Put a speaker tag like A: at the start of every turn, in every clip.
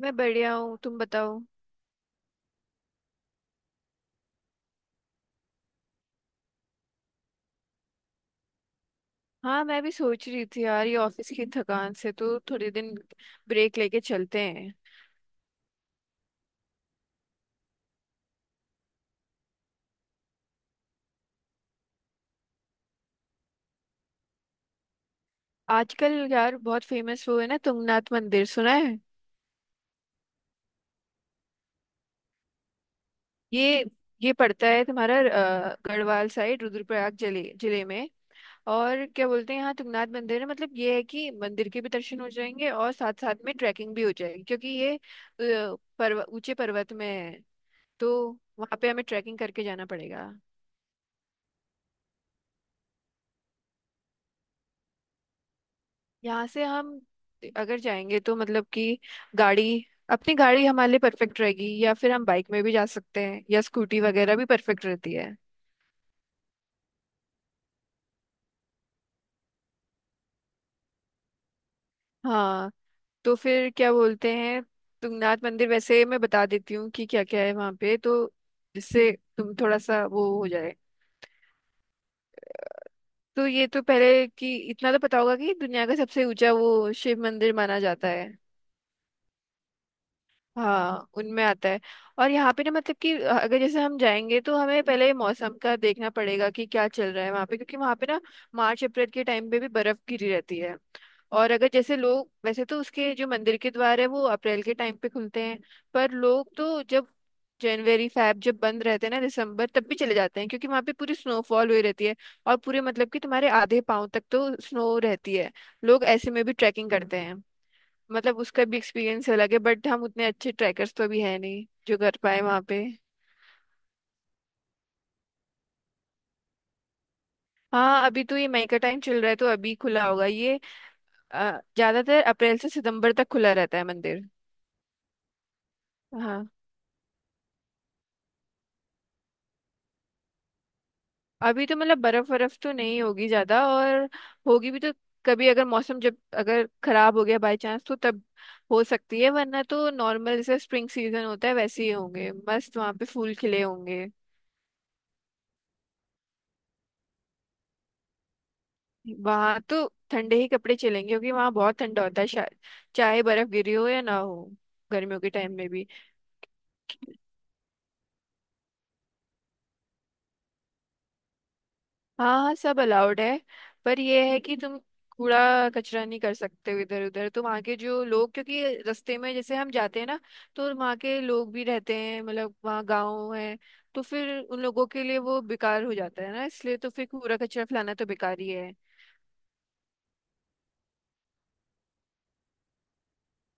A: मैं बढ़िया हूँ। तुम बताओ। हाँ, मैं भी सोच रही थी यार। ये ऑफिस की थकान से तो थोड़े दिन ब्रेक लेके चलते हैं। आजकल यार बहुत फेमस वो है ना, तुंगनाथ मंदिर, सुना है? ये ये पड़ता है तुम्हारा। गढ़वाल साइड, रुद्रप्रयाग जिले जिले में। और क्या बोलते हैं, यहाँ तुंगनाथ मंदिर है, मतलब ये है कि मंदिर के भी दर्शन हो जाएंगे और साथ साथ में ट्रैकिंग भी हो जाएगी क्योंकि ये पर्व ऊंचे पर्वत में है। तो वहाँ पे हमें ट्रैकिंग करके जाना पड़ेगा। यहाँ से हम अगर जाएंगे तो मतलब कि गाड़ी, अपनी गाड़ी हमारे लिए परफेक्ट रहेगी, या फिर हम बाइक में भी जा सकते हैं या स्कूटी वगैरह भी परफेक्ट रहती है। हाँ। तो फिर क्या बोलते हैं, तुंगनाथ मंदिर वैसे मैं बता देती हूँ कि क्या क्या है वहाँ पे तो, जिससे तुम थोड़ा सा वो हो जाए। तो ये तो पहले कि इतना तो पता होगा कि दुनिया का सबसे ऊंचा वो शिव मंदिर माना जाता है। हाँ, उनमें आता है। और यहाँ पे ना मतलब कि अगर जैसे हम जाएंगे तो हमें पहले मौसम का देखना पड़ेगा कि क्या चल रहा है वहाँ पे, क्योंकि वहाँ पे ना मार्च अप्रैल के टाइम पे भी बर्फ गिरी रहती है। और अगर जैसे लोग, वैसे तो उसके जो मंदिर के द्वार है वो अप्रैल के टाइम पे खुलते हैं। पर लोग तो जब जनवरी फैब, जब बंद रहते हैं ना, दिसंबर, तब भी चले जाते हैं क्योंकि वहाँ पे पूरी स्नोफॉल हुई रहती है। और पूरे मतलब कि तुम्हारे आधे पाँव तक तो स्नो रहती है। लोग ऐसे में भी ट्रैकिंग करते हैं। मतलब उसका भी एक्सपीरियंस अलग है, बट हम उतने अच्छे ट्रैकर्स तो अभी है नहीं जो कर पाए वहाँ पे। हाँ, अभी तो ये मई का टाइम चल रहा है तो अभी खुला होगा ये। ज्यादातर अप्रैल से सितंबर तक खुला रहता है मंदिर। हाँ, अभी तो मतलब बर्फ बर्फ तो नहीं होगी ज्यादा। और होगी भी तो कभी, अगर मौसम जब अगर खराब हो गया बाय चांस, तो तब हो सकती है। वरना तो नॉर्मल जैसे स्प्रिंग सीजन होता है वैसे ही होंगे, मस्त वहाँ पे फूल खिले होंगे। वहां तो ठंडे ही कपड़े चलेंगे क्योंकि वहां बहुत ठंडा होता है शायद, चाहे बर्फ गिरी हो या ना हो, गर्मियों के टाइम में भी। हाँ हाँ, सब अलाउड है। पर यह है कि तुम कूड़ा कचरा नहीं कर सकते हो इधर उधर तो वहाँ के जो लोग, क्योंकि रास्ते में जैसे हम जाते हैं ना, तो वहाँ के लोग भी रहते हैं, मतलब वहाँ गाँव है, तो फिर उन लोगों के लिए वो बेकार हो जाता है ना, इसलिए तो फिर कूड़ा कचरा फैलाना तो बेकार ही है।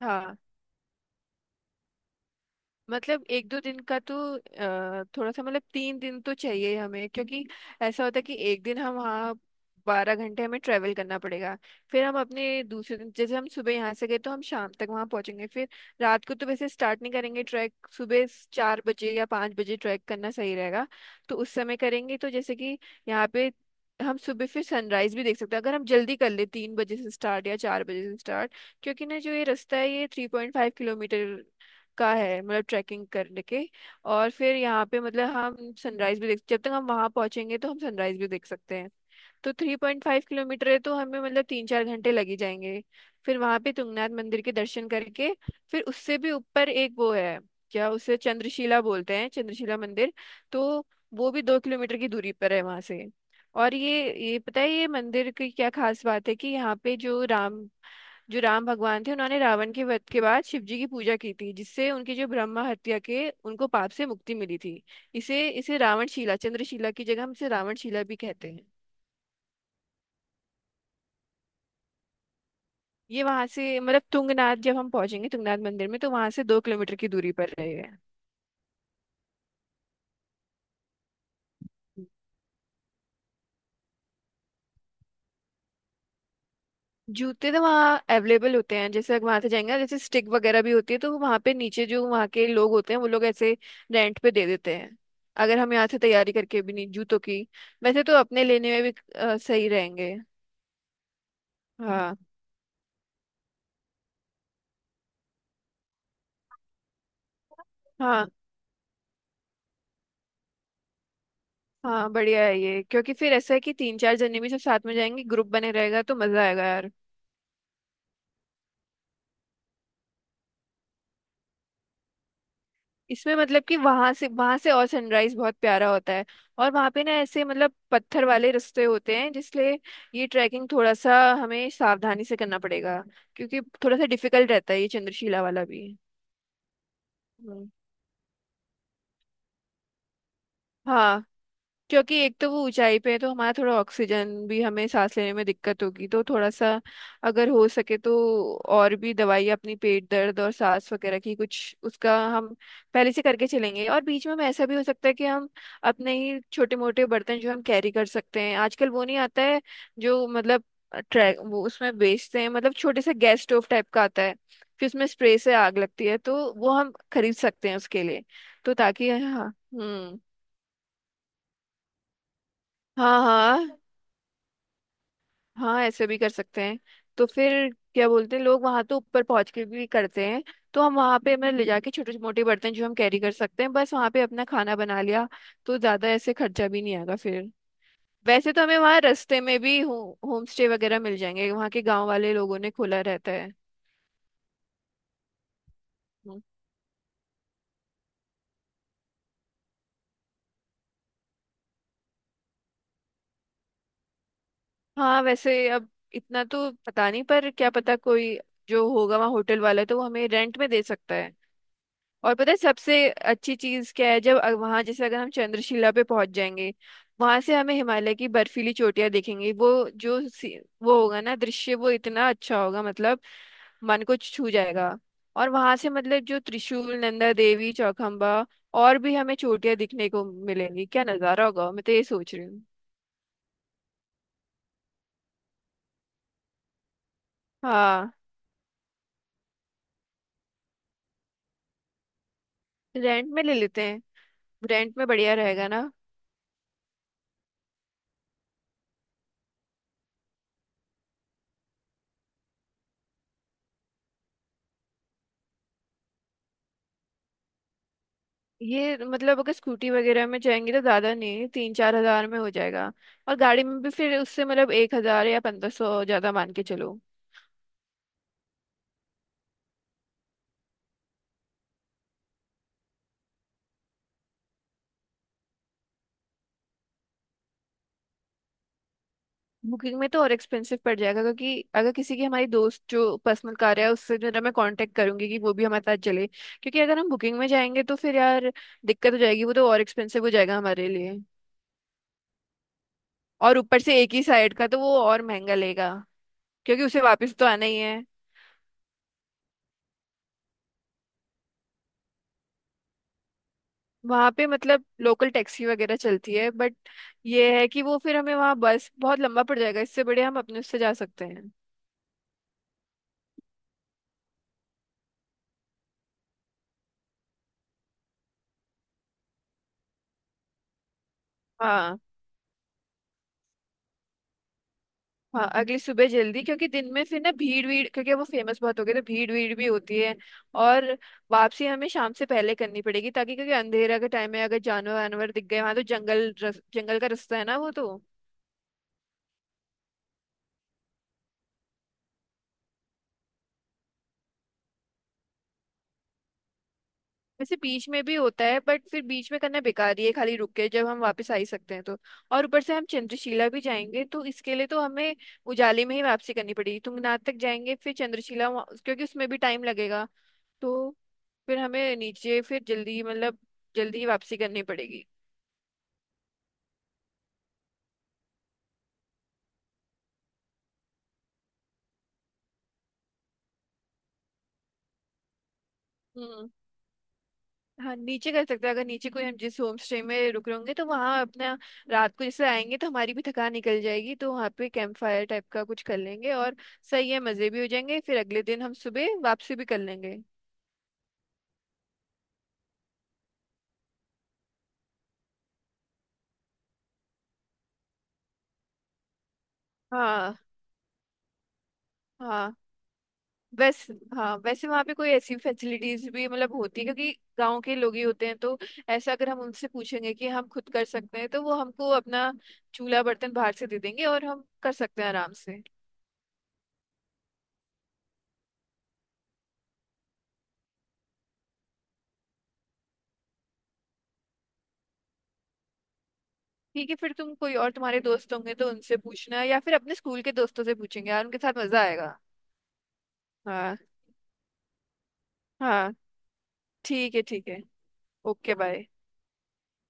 A: हाँ, मतलब 1-2 दिन का तो, थोड़ा सा मतलब 3 दिन तो चाहिए हमें, क्योंकि ऐसा होता है कि एक दिन हम वहाँ 12 घंटे हमें ट्रेवल करना पड़ेगा। फिर हम अपने दूसरे दिन, जैसे हम सुबह यहाँ से गए तो हम शाम तक वहाँ पहुँचेंगे, फिर रात को तो वैसे स्टार्ट नहीं करेंगे ट्रैक। सुबह 4 बजे या 5 बजे ट्रैक करना सही रहेगा। तो उस समय करेंगे तो, जैसे कि यहाँ पे हम सुबह फिर सनराइज भी देख सकते हैं अगर हम जल्दी कर ले, 3 बजे से स्टार्ट या 4 बजे से स्टार्ट। क्योंकि ना जो ये रास्ता है ये 3.5 किलोमीटर का है, मतलब ट्रैकिंग करने के। और फिर यहाँ पे मतलब हम सनराइज भी देख, जब तक हम वहाँ पहुँचेंगे तो हम सनराइज भी देख सकते हैं। तो 3.5 किलोमीटर है तो हमें मतलब 3-4 घंटे लग ही जाएंगे। फिर वहां पे तुंगनाथ मंदिर के दर्शन करके फिर उससे भी ऊपर एक वो है, क्या उसे चंद्रशिला बोलते हैं, चंद्रशिला मंदिर। तो वो भी 2 किलोमीटर की दूरी पर है वहां से। और ये पता है, ये मंदिर की क्या खास बात है कि यहाँ पे जो राम भगवान थे, उन्होंने रावण के वध के बाद शिव जी की पूजा की थी जिससे उनकी जो ब्रह्मा हत्या के उनको पाप से मुक्ति मिली थी। इसे इसे रावणशिला, चंद्रशिला की जगह हम इसे रावणशिला भी कहते हैं। ये वहां से मतलब तुंगनाथ, जब हम पहुंचेंगे तुंगनाथ मंदिर में तो वहां से 2 किलोमीटर की दूरी पर रहेगा। जूते तो वहाँ अवेलेबल होते हैं, जैसे वहां से जाएंगे जैसे स्टिक वगैरह भी होती है तो वहां पे नीचे जो वहाँ के लोग होते हैं वो लोग ऐसे रेंट पे दे देते हैं, अगर हम यहाँ से तैयारी करके भी नहीं, जूतों की। वैसे तो अपने लेने में भी सही रहेंगे। हाँ। हाँ, हाँ, बढ़िया है ये, क्योंकि फिर ऐसा है कि तीन चार जने भी सब साथ में जाएंगे, ग्रुप बने रहेगा तो मजा आएगा यार। इसमें मतलब कि वहां से और सनराइज बहुत प्यारा होता है। और वहां पे ना ऐसे मतलब पत्थर वाले रास्ते होते हैं, जिसलिए ये ट्रैकिंग थोड़ा सा हमें सावधानी से करना पड़ेगा क्योंकि थोड़ा सा डिफिकल्ट रहता है ये चंद्रशिला वाला भी। हम्म। हाँ, क्योंकि एक तो वो ऊंचाई पे है तो हमारा थोड़ा ऑक्सीजन भी, हमें सांस लेने में दिक्कत होगी तो थोड़ा सा, अगर हो सके तो और भी दवाई अपनी पेट दर्द और सांस वगैरह की कुछ उसका हम पहले से करके चलेंगे। और बीच में ऐसा भी हो सकता है कि हम अपने ही छोटे मोटे बर्तन जो हम कैरी कर सकते हैं, आजकल वो नहीं आता है जो, मतलब ट्रैक वो उसमें बेचते हैं, मतलब छोटे से गैस स्टोव टाइप का आता है, फिर उसमें स्प्रे से आग लगती है तो वो हम खरीद सकते हैं उसके लिए। तो ताकि, हाँ। हम्म। हाँ हाँ, हाँ ऐसे भी कर सकते हैं। तो फिर क्या बोलते हैं, लोग वहां तो ऊपर पहुंच के भी करते हैं। तो हम वहां पे मतलब ले जाके छोटे मोटे बर्तन जो हम कैरी कर सकते हैं, बस वहां पे अपना खाना बना लिया तो ज्यादा ऐसे खर्चा भी नहीं आएगा फिर। वैसे तो हमें वहाँ रास्ते में भी होम स्टे वगैरह मिल जाएंगे, वहाँ के गांव वाले लोगों ने खोला रहता है। हम्म। हाँ, वैसे अब इतना तो पता नहीं, पर क्या पता, कोई जो होगा वहाँ होटल वाला तो वो हमें रेंट में दे सकता है। और पता है सबसे अच्छी चीज क्या है, जब वहां, जैसे अगर हम चंद्रशिला पे पहुंच जाएंगे। वहां से हमें हिमालय की बर्फीली चोटियां दिखेंगी, वो जो सी- वो होगा ना दृश्य, वो इतना अच्छा होगा मतलब मन को छू जाएगा। और वहां से मतलब जो त्रिशूल, नंदा देवी, चौखम्बा, और भी हमें चोटियां दिखने को मिलेंगी, क्या नजारा होगा, मैं तो ये सोच रही हूँ। हाँ, रेंट में ले लेते हैं, रेंट में बढ़िया रहेगा ना। ये मतलब अगर स्कूटी वगैरह में जाएंगे तो ज्यादा नहीं, 3-4 हजार में हो जाएगा। और गाड़ी में भी फिर उससे मतलब 1 हजार या 1500 ज्यादा मान के चलो। बुकिंग में तो और एक्सपेंसिव पड़ जाएगा, क्योंकि अगर किसी की, हमारी दोस्त जो पर्सनल कार है उससे, जो है ना मैं कांटेक्ट करूंगी कि वो भी हमारे साथ चले, क्योंकि अगर हम बुकिंग में जाएंगे तो फिर यार दिक्कत हो जाएगी, वो तो और एक्सपेंसिव हो जाएगा हमारे लिए। और ऊपर से एक ही साइड का तो वो और महंगा लेगा, क्योंकि उसे वापस तो आना ही है। वहाँ पे मतलब लोकल टैक्सी वगैरह चलती है, बट ये है कि वो फिर हमें वहाँ बस बहुत लंबा पड़ जाएगा, इससे बड़े हम अपने उससे जा सकते हैं। हाँ हाँ, अगली सुबह जल्दी, क्योंकि दिन में फिर ना भीड़ भीड़, क्योंकि वो फेमस बहुत हो गए तो भीड़ भीड़ भी होती है। और वापसी हमें शाम से पहले करनी पड़ेगी, ताकि, क्योंकि अंधेरा का टाइम है, अगर जानवर वानवर दिख गए वहाँ, तो जंगल का रास्ता है ना वो तो। वैसे बीच में भी होता है, बट फिर बीच में करना बेकार ही है, खाली रुक के जब हम वापस आ ही सकते हैं तो। और ऊपर से हम चंद्रशिला भी जाएंगे तो इसके लिए तो हमें उजाले में ही वापसी करनी पड़ेगी, तुंगनाथ तक जाएंगे, फिर चंद्रशिला क्योंकि उसमें भी टाइम लगेगा तो फिर हमें नीचे फिर जल्दी मतलब जल्दी ही वापसी करनी पड़ेगी। हम्म। हाँ, नीचे कर सकते हैं। अगर नीचे कोई, हम जिस होम स्टे में रुक रहे होंगे तो वहाँ अपना, रात को जैसे आएंगे तो हमारी भी थकान निकल जाएगी तो वहाँ पे कैंप फायर टाइप का कुछ कर लेंगे और सही है, मज़े भी हो जाएंगे। फिर अगले दिन हम सुबह वापसी भी कर लेंगे। हाँ। हाँ, वैसे, हाँ वैसे वहाँ पे कोई ऐसी फैसिलिटीज भी मतलब होती है क्योंकि गांव के लोग ही होते हैं, तो ऐसा अगर हम उनसे पूछेंगे कि हम खुद कर सकते हैं तो वो हमको अपना चूल्हा बर्तन बाहर से दे देंगे और हम कर सकते हैं आराम से। ठीक है फिर, तुम कोई, और तुम्हारे दोस्त होंगे तो उनसे पूछना या फिर अपने स्कूल के दोस्तों से पूछेंगे यार, उनके साथ मजा आएगा। हाँ। हाँ, ठीक है, ठीक है। Okay, bye.